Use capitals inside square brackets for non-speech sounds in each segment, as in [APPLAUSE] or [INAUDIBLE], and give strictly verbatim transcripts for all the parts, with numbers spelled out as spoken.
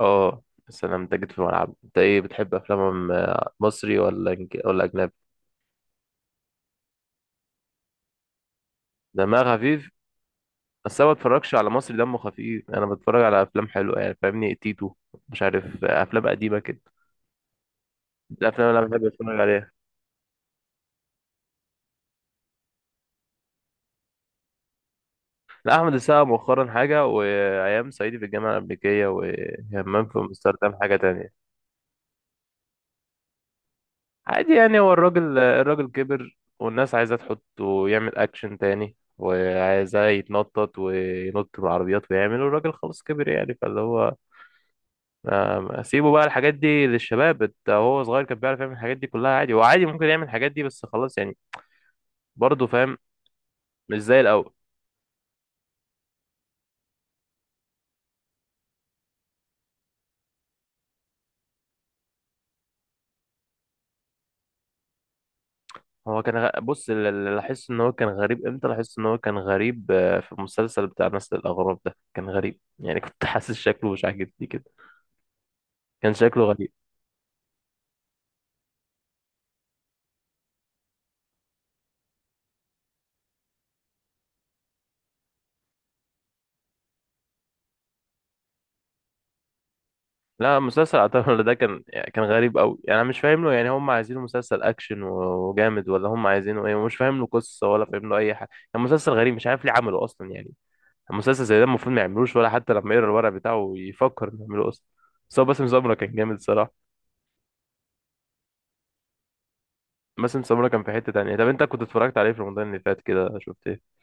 اه. السلام ده جيت في الملعب. انت ايه بتحب افلام، آه، مصري ولا إنج- ولا اجنبي؟ دمها خفيف. بس انا ما بتفرجش على مصري دمه خفيف يعني، انا بتفرج على افلام حلوه يعني، فاهمني تيتو. مش عارف، آه، افلام قديمه كده. دي الافلام اللي انا بحب اتفرج عليها. لا، احمد السقا مؤخرا حاجه، وايام صعيدي في الجامعه الامريكيه، وهمام في امستردام حاجه تانية. عادي يعني، هو الراجل الراجل كبر، والناس عايزة تحطه يعمل أكشن تاني، وعايزاه يتنطط وينط من العربيات ويعمل، والراجل خلاص كبر يعني، فاللي هو آه، سيبه بقى الحاجات دي للشباب. انت هو صغير كان بيعرف يعمل الحاجات دي كلها، عادي. هو عادي ممكن يعمل الحاجات دي، بس خلاص يعني. برضه فاهم. مش زي الأول. هو كان غ... بص، اللي اللي لاحظت ان هو كان غريب، امتى لاحظت ان هو كان غريب، آه، في المسلسل بتاع نسل الأغراب ده، كان غريب يعني. [LAUGHS] كنت حاسس شكله مش عاجبني كده. كان شكله غريب. لا، مسلسل عتاولة ده كان يعني كان غريب قوي يعني. انا مش فاهم له يعني، هم عايزينه مسلسل اكشن و- وجامد، ولا هم عايزينه ايه، ومش فاهم له قصه ولا فاهم له اي حاجه. يعني مسلسل غريب، مش عارف ليه عمله اصلا يعني. المسلسل زي ده المفروض ما يعملوش، ولا حتى لما يقرا الورق بتاعه يفكر انه يعمله اصلا. بس هو باسم سمره كان جامد صراحه. باسم سمره كان في حته تانية. طب انت كنت اتفرجت عليه في رمضان اللي فات كده، شفت ايه؟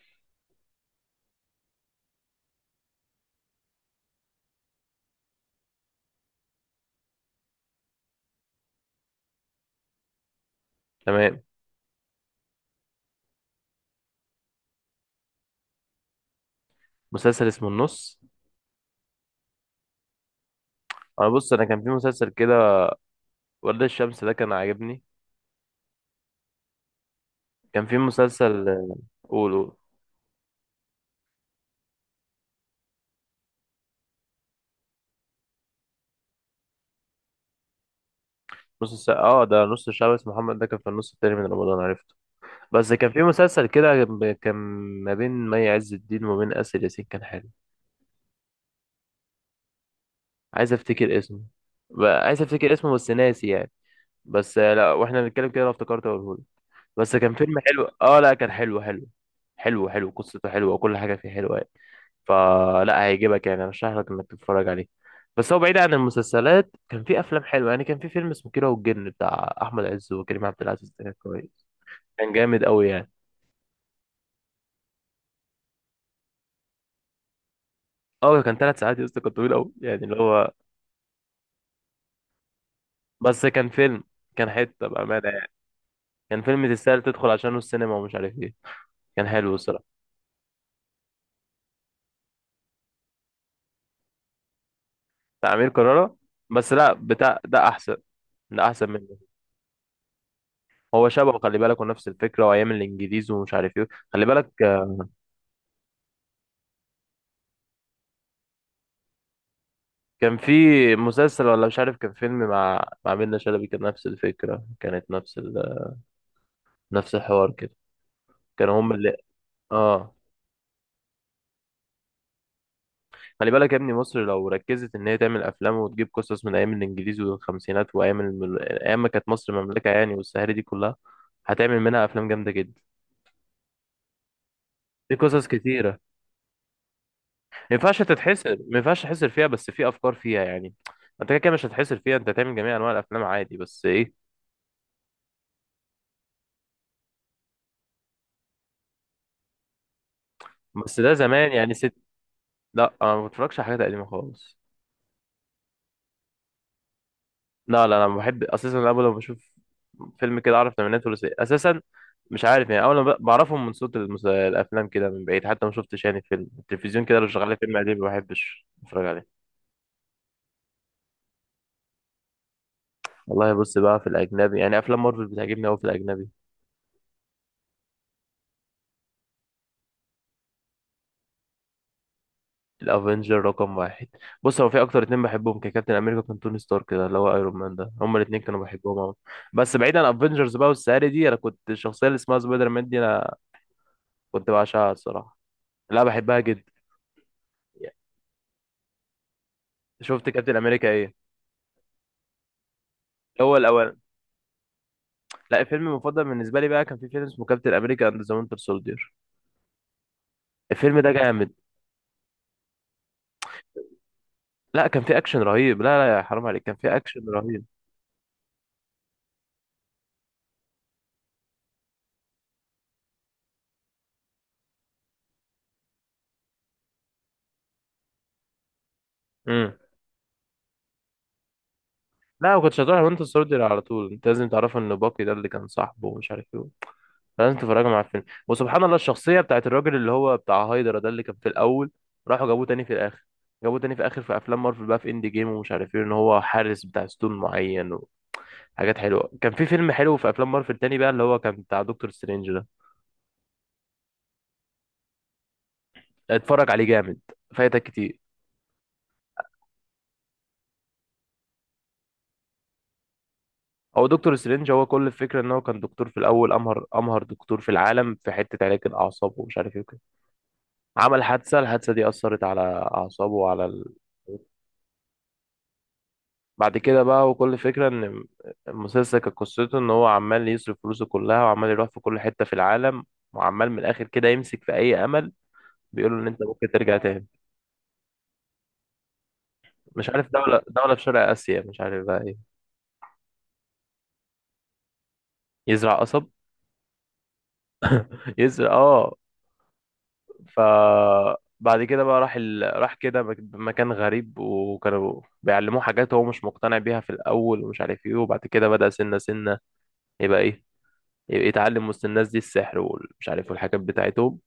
تمام. مسلسل اسمه النص. انا بص، انا كان في مسلسل كده. ورد الشمس ده كان عاجبني. كان في مسلسل. قول قول. نص الساعة. اه ده نص الشعب اسمه محمد ده كان في النص التاني من رمضان، عرفته. بس كان في مسلسل كده ب- كان ما بين مي عز الدين وما بين آسر ياسين، كان حلو. عايز افتكر اسمه. بقى عايز افتكر اسمه بس ناسي يعني. بس آه، لا، واحنا بنتكلم كده لو افتكرت اقوله. بس كان فيلم حلو. اه لا، كان حلو حلو. حلو حلو، قصته حلوه وكل حاجه فيه حلوه يعني. فلا، هيعجبك يعني، ارشح لك انك تتفرج عليه. بس هو بعيد عن المسلسلات، كان في افلام حلوه يعني. كان في فيلم اسمه كيرة والجن بتاع احمد عز وكريم عبد العزيز، ده كان كويس. كان جامد قوي يعني. اه، كان ثلاث ساعات يا اسطى، كان طويل قوي يعني، اللي هو بس كان فيلم. كان حته بامانه يعني. كان فيلم تستاهل تدخل عشانه السينما ومش عارف ايه. كان حلو الصراحه. بتاع امير كرارة. بس لا، بتاع ده احسن. ده احسن منه. هو شبهه، خلي بالك، ونفس الفكره، وايام الانجليز ومش عارف ايه. خلي بالك آه، كان في مسلسل، ولا مش عارف كان فيلم، مع مع منة شلبي، كان نفس الفكره، كانت نفس ال... نفس الحوار كده. كانوا هم اللي اه. خلي بالك يا ابني، مصر لو ركزت ان هي تعمل افلام وتجيب قصص من ايام الانجليز والخمسينات، وايام الم... ايام ما كانت مصر مملكه يعني، والسهاري دي كلها، هتعمل منها افلام جامده جدا. في قصص كتيره. ما ينفعش تتحسر ما ينفعش تحسر فيها، بس في افكار فيها يعني. انت كده كده مش هتحسر فيها، انت هتعمل جميع انواع الافلام عادي، بس ايه. بس ده زمان يعني ست. لا، انا ما بتفرجش على حاجات قديمه خالص. لا لا، انا بحب اساسا، انا أول لما بشوف فيلم كده اعرف تمانينات ثلاثيه اساسا. مش عارف يعني، اول ما ب- بعرفهم من صوت المس... الافلام كده من بعيد، حتى ما شفتش يعني. فيلم التلفزيون كده لو شغال لي فيلم قديم، ما بحبش اتفرج عليه. والله بص بقى، في الاجنبي يعني، افلام مارفل بتعجبني قوي في الاجنبي. الافنجر رقم واحد. بص هو في اكتر اتنين بحبهم، ككابتن امريكا كان، توني ستارك كده اللي هو ايرون مان، ده هما الاتنين كانوا بحبهم قوي. بس بعيدا عن افنجرز بقى والسهري دي، انا كنت الشخصيه اللي اسمها سبايدر مان دي، انا كنت بعشقها الصراحه. لا، بحبها جدا. شفت كابتن امريكا ايه؟ هو الاول. لا، الفيلم المفضل بالنسبه لي بقى كان في فيلم اسمه كابتن امريكا اند ذا وينتر سولدير. الفيلم ده جامد. لا، كان في اكشن رهيب. لا لا يا حرام عليك، كان في اكشن رهيب. امم. لا، ما كنتش هتروح وينتر سولدير على طول، انت لازم تعرف ان باكي ده اللي كان صاحبه، ومش عارف ايه. لازم تتفرج مع الفيلم، وسبحان الله الشخصيه بتاعت الراجل اللي هو بتاع هايدرا ده، اللي كان في الاول راحوا جابوه تاني في الاخر. جابوه تاني في اخر في افلام مارفل بقى، في اند جيم ومش عارف ايه، ان هو حارس بتاع ستون معين. وحاجات حلوه. كان في فيلم حلو في افلام مارفل تاني بقى، اللي هو كان بتاع دكتور سترينج. اتفرج عليه جامد. فايتك كتير. هو دكتور سترينج، هو كل الفكره ان هو كان دكتور في الاول، امهر امهر دكتور في العالم، في حته علاج الاعصاب ومش عارف ايه وكده. عمل حادثه، الحادثه دي اثرت على اعصابه وعلى ال... بعد كده بقى، وكل الفكره ان المسلسل كانت قصته ان هو عمال يصرف فلوسه كلها، وعمال يروح في كل حته في العالم، وعمال من الاخر كده يمسك في اي امل بيقول له ان انت ممكن ترجع تاني. مش عارف دوله، دوله في شرق اسيا، مش عارف بقى ايه. يزرع قصب. يزرع اه. فبعد كده بقى راح ال... راح كده مك- مكان غريب، وكانوا بيعلموه حاجات هو مش مقتنع بيها في الأول ومش عارف ايه. وبعد كده بدأ سنة سنة يبقى ايه، يبقى يتعلم وسط الناس دي السحر ومش عارف والحاجات بتاعتهم.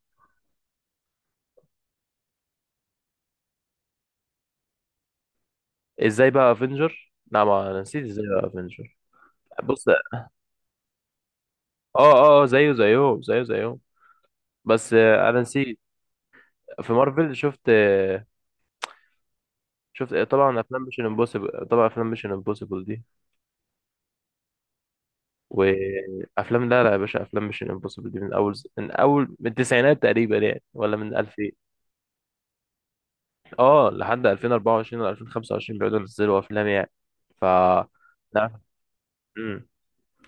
ازاي بقى افنجر؟ لا، ما انا نسيت ازاي بقى افنجر. بص، اه. اه، زيه زيهم زيه زيهم. بس آه، انا نسيت. في مارفل شفت آه، شفت آه، طبعا افلام ميشن امبوسيبل. طبعا افلام ميشن امبوسيبل دي، وافلام، لا لا يا باشا، افلام مش امبوسيبل دي من اول، من اول من التسعينات تقريبا يعني، ولا من ألفين اه لحد ألفين وأربعة وعشرين ولا ألفين وخمسة وعشرون بيقعدوا ينزلوا افلام يعني. ف لا، امم،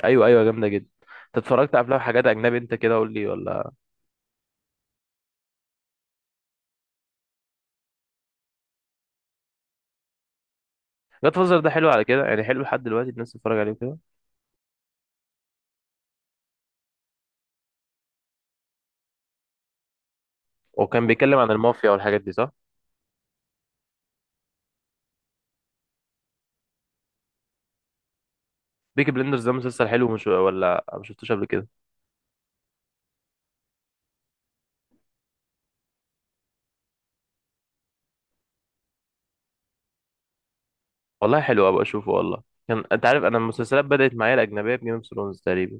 ايوه ايوه جامده جدا. انت اتفرجت على افلام، حاجات اجنبي، انت كده قول لي ولا؟ جاد فازر ده حلو على كده يعني، حلو لحد دلوقتي الناس تتفرج عليه كده. وكان بيتكلم عن المافيا والحاجات دي، صح. بيكي بلندرز ده مسلسل حلو، مش ولا ما شفتوش قبل كده. والله حلو ابقى اشوفه والله. كان انت عارف، انا المسلسلات بدأت معايا الاجنبيه بجيم اوف ثرونز تقريبا.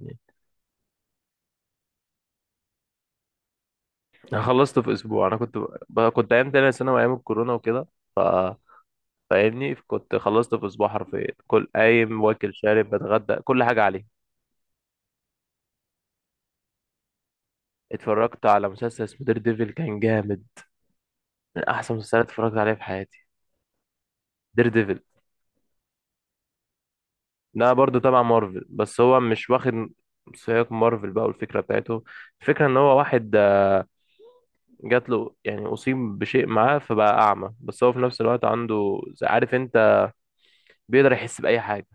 انا خلصت في اسبوع. انا كنت ب... كنت ايام تانية ثانوي ايام الكورونا وكده. ف فاهمني، كنت خلصت في اسبوع حرفيا، كل قايم واكل شارب بتغدى كل حاجه عليه. اتفرجت على مسلسل اسمه دير ديفل، كان جامد. من احسن مسلسلات اتفرجت عليها في حياتي. دير ديفل. ده برضه تبع مارفل، بس هو مش واخد سياق مارفل بقى، والفكره بتاعته الفكره ان هو واحد جات له يعني، اصيب بشيء معاه فبقى اعمى، بس هو في نفس الوقت عنده، عارف انت، بيقدر يحس باي حاجه.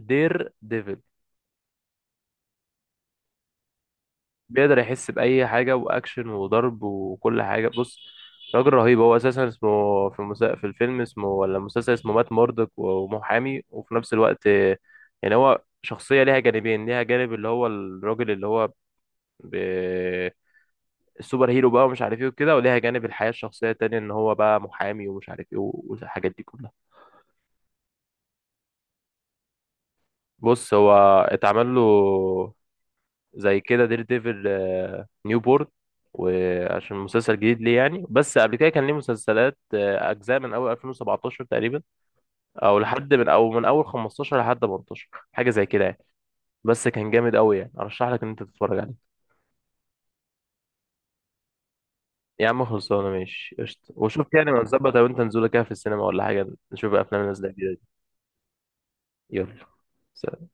دير ديفل. بيقدر يحس بأي حاجة، وأكشن وضرب وكل حاجة. بص، راجل رهيب. هو أساسا اسمه في المسا... في الفيلم اسمه، ولا المسلسل اسمه، مات موردك، ومحامي وفي نفس الوقت يعني، هو شخصية ليها جانبين. ليها جانب اللي هو الراجل اللي هو ب... السوبر هيرو بقى ومش عارف ايه وكده، وليها جانب الحياة الشخصية التانية ان هو بقى محامي ومش عارف ايه والحاجات دي كلها. بص، هو اتعمل له زي كده دير ديفل آه، نيو بورن، وعشان مسلسل جديد ليه يعني، بس قبل كده كان ليه مسلسلات، آه، اجزاء من اول ألفين وسبعتاشر تقريبا، او لحد من او من اول خمستاشر لحد تمنتاشر حاجه زي كده يعني. بس كان جامد قوي يعني، ارشح لك ان انت تتفرج عليه. يا عم خلصانه، ماشي قشطه، وشوف يعني ما نظبط لو انت نزوله كده في السينما ولا حاجه. نشوف افلام الناس ده جديده دي. يلا. سلام.